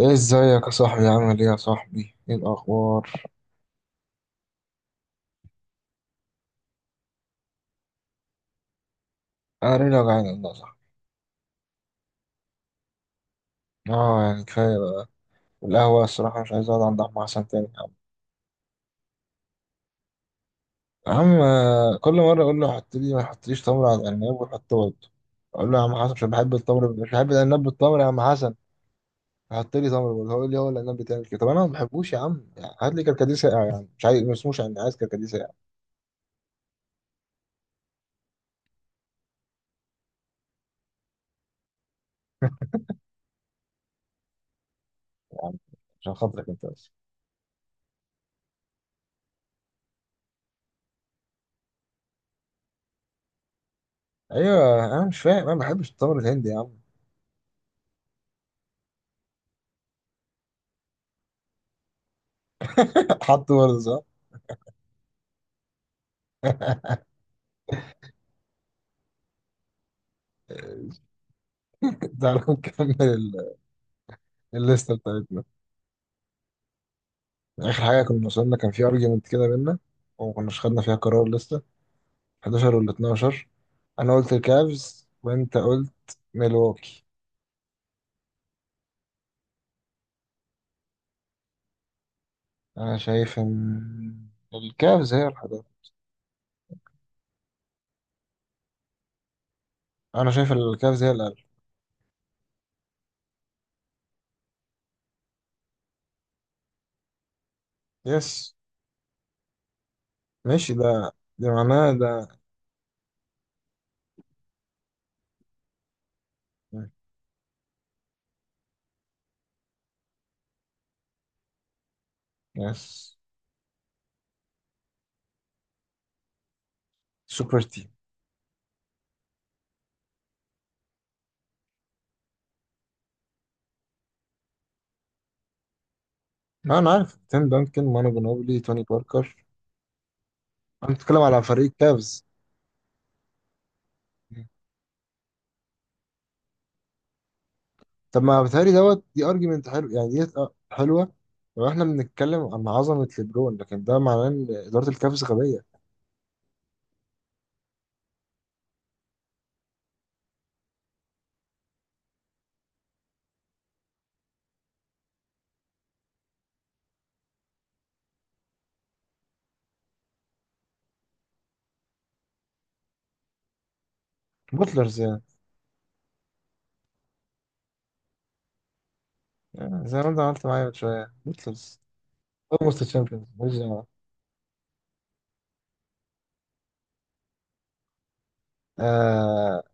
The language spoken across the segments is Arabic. ايه ازيك يا صاحبي؟ عامل ايه يا صاحبي؟ ايه الاخبار؟ انا ليه وجعان والله يا صاحبي. اه يعني كفايه بقى. والقهوه الصراحه مش عايز اقعد عند عم حسن تاني يا عم. يا عم آه، كل مره اقول له حط لي ما يحطليش تمر على العناب ويحط برضه. اقول له يا عم حسن مش بحب التمر، مش بحب العناب بالتمر يا عم حسن. حط لي تمر برضه، هو يقول لي هو العناب بتعمل كده. طب انا ما بحبوش يا عم، يعني هات لي كركديه ساقع، يعني مش عايز، ما اسموش يعني، عايز كركديه ساقع. يا عم عشان خاطرك انت بس. ايوه انا مش فاهم، انا ما بحبش التمر الهندي يا عم. حط برضه صح. تعالوا نكمل الليستة بتاعتنا. آخر حاجة كنا وصلنا كان في أرجيومنت كده بينا وما كناش خدنا فيها قرار لسه. 11 وال 12. أنا قلت الكافز وأنت قلت ميلواكي. أنا شايف إن الكافز هي الحضارة. أنا شايف الكافز هي الأقل. يس، ماشي ده. ده معناه ده. يس، سوبر تيم. أنا عارف تيم دانكن، مانو جنوبلي، توني باركر. أنا بتكلم على فريق كافز. طب ما بيتهيألي دوت دي ارجيومنت حلو يعني، ديت آه، حلوه. لو احنا بنتكلم عن عظمه ليبرون، لكن ده معناه ان اداره الكافز غبيه. بوتلرز يعني. يعني زي ما انت عملت معايا من شويه بوتلرز. اولموست تشامبيونز ماليش دعوه. آه.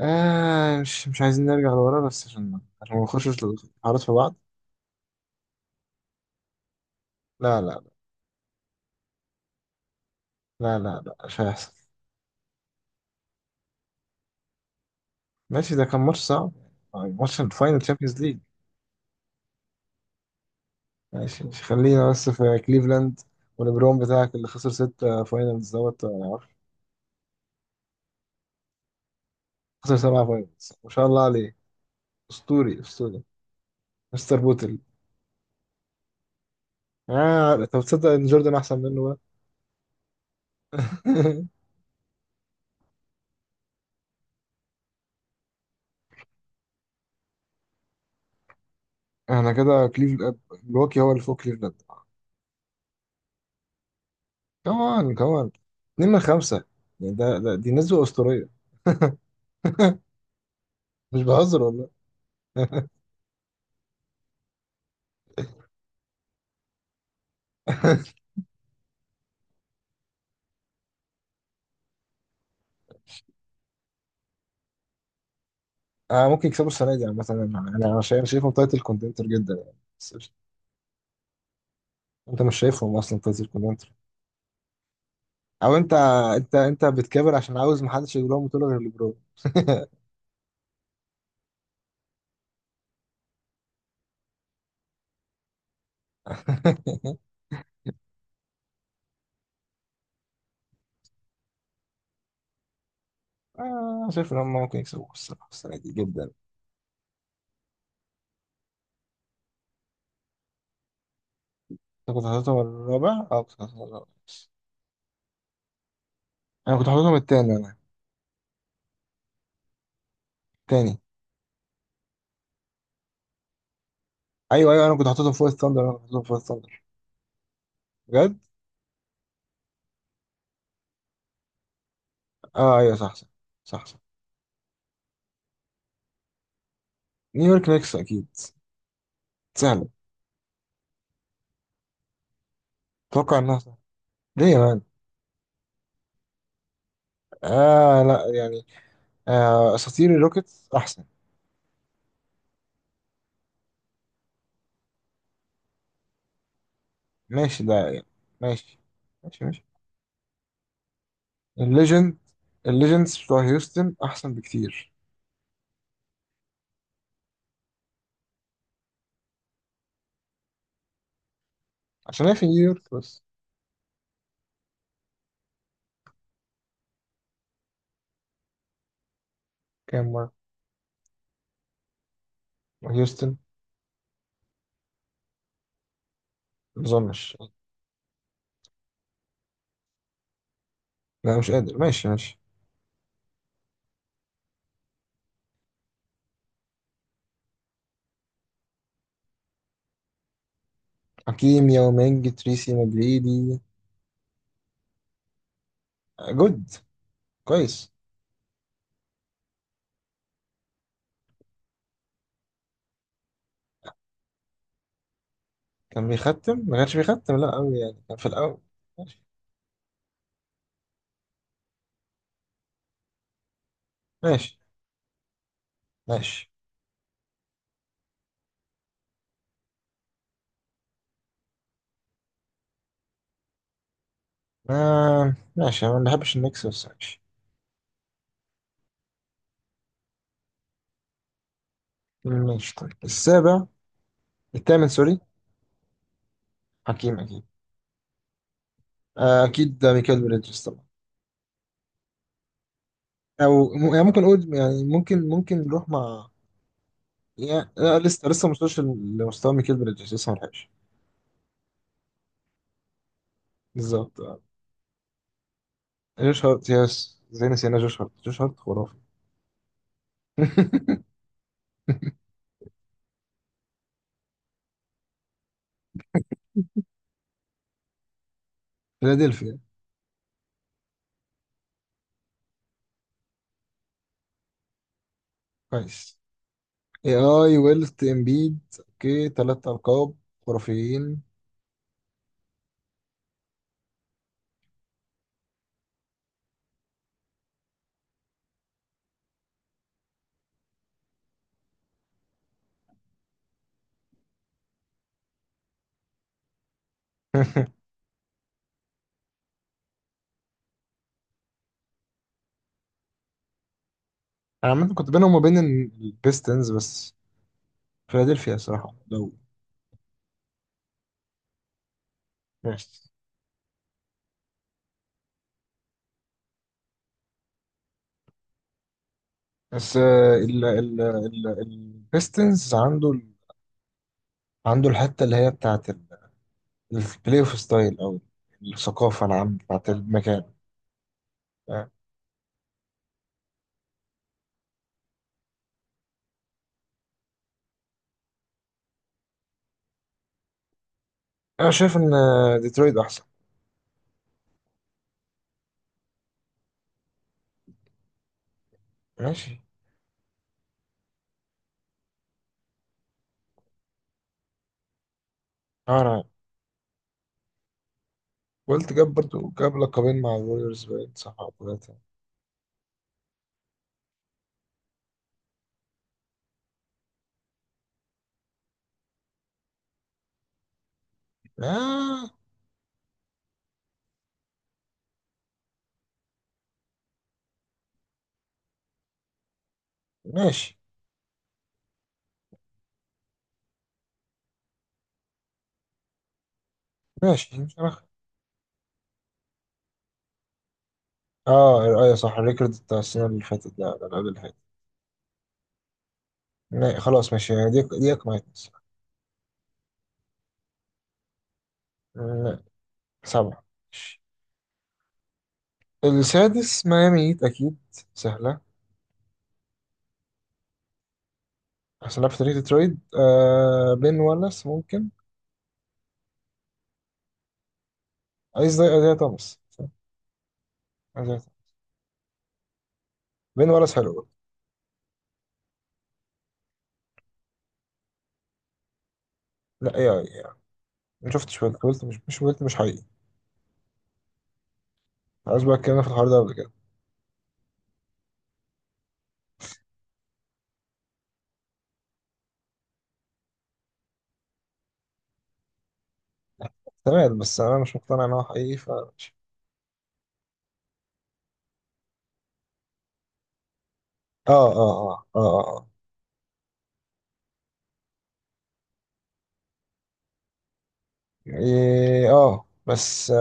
آه مش عايزين نرجع لورا، بس عشان ما نخشش الحوارات في بعض. لا لا لا. لا لا مش هيحصل. ماشي ده كان ماتش صعب، يعني ماتش الفاينل تشامبيونز ليج. ماشي، مش، خلينا بس في كليفلاند. وليبرون بتاعك اللي خسر ستة فاينلز دوت. خسر سبعة فاينلز ما شاء الله عليه. اسطوري، اسطوري. مستر بوتل. آه طب تصدق ان جوردن احسن منه بقى. احنا كده كليفلاند ملواكي هو اللي فوق كليفلاند. كمان كمان. اتنين من خمسة، يعني ده, ده دي نسبة أسطورية. مش بهزر والله. آه ممكن يكسبوا السنة دي عامة. أنا شايفهم تايتل كونتنتر جدا يعني، بس مش. أنت مش شايفهم أصلا تايتل كونتنتر. أو أنت. أنت بتكابر عشان عاوز محدش يجيب لهم بطولة غير ليبرون. آه شايف إن هم ممكن يكسبوا الصراحة السنة دي جدا. انت كنت حاططهم الرابع، اه كنت حاططهم الرابع. انا كنت حاططهم التاني انا. التاني. ايوه ايوه انا كنت حاططهم فوق الثاندر، انا كنت حاططهم فوق الثاندر. بجد. اه ايوه صح صح. صح صح. نيويورك نيكس اكيد. سهله. اتوقع انها سهله. ليه يا مان؟ اه لا يعني. آه اساطير الروكيتس احسن. ماشي ده يعني. ماشي ماشي. ماشي الليجند. الليجندز بتوع هيوستن احسن بكتير. عشان هي في نيويورك بس. كام مره؟ هيوستن ما اظنش. لا مش قادر، ماشي ماشي. حكيم، يومينج، تريسي مجريدي. جود. كويس. كان بيختم، ما كانش بيختم لا قوي يعني، كان في الاول. ماشي ماشي. ماشي ما ماشي، انا ما بحبش النكس بس ماشي. ماشي طيب السابع. الثامن سوري. حكيم اكيد. آه، اكيد، ده ميكال بريدجز طبعا. او يعني ممكن اقول، يعني ممكن ممكن نروح مع. يعني لا لسه لسه ما وصلش لمستوى ميكال بريدجز، لسه ما لحقش. بالظبط آه. جوش هارت يس. زي نسينا جوش هارت. جوش هارت خرافي. فيلادلفيا. كويس. اي اي ويلت امبيد اوكي تلات القاب خرافيين. انا عامة كنت بينهم وبين البيستنز بس. فيلادلفيا صراحة لو. ماشي. بس آه، ال البيستنز عنده عنده الحتة اللي هي بتاعت البلاي اوف ستايل او الثقافة العامة بتاعت المكان. آه، انا شايف ان آه، ديترويت احسن. ماشي. انا قلت جاب برضو جاب لقبين مع الوريورز باين، صح؟ او ثلاثة. آه. ماشي ماشي مش اه ايوه صح، الريكورد بتاع السنة اللي فاتت، لا لا، اللي قبل اللي فاتت. لا، خلاص ماشي يعني، دي اقنعتني الصراحة. لا، سبعة ماشي. السادس ميامي هيت أكيد. سهلة. عشان لعبت في ترويد آه بين والاس ممكن. عايز زي أزاي توماس، صح؟ أزاي توماس. بين والاس حلو برضه. لا يا يا. ما شفتش ويلت، ويلت مش ويلت مش حقيقي. عايز بقى اتكلمنا في الحوار ده قبل كده. تمام بس أنا مش مقتنع إن هو حقيقي فماشي. اه اه اه اه اه, آه. إيه، آه. بس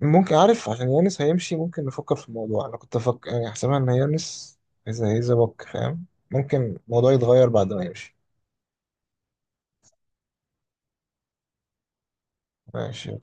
ممكن، عارف عشان يانس هيمشي ممكن نفكر في الموضوع. انا كنت افكر يعني حسبها ان يانس اذا هيزبك فاهم، ممكن الموضوع يتغير بعد ما يمشي. ماشي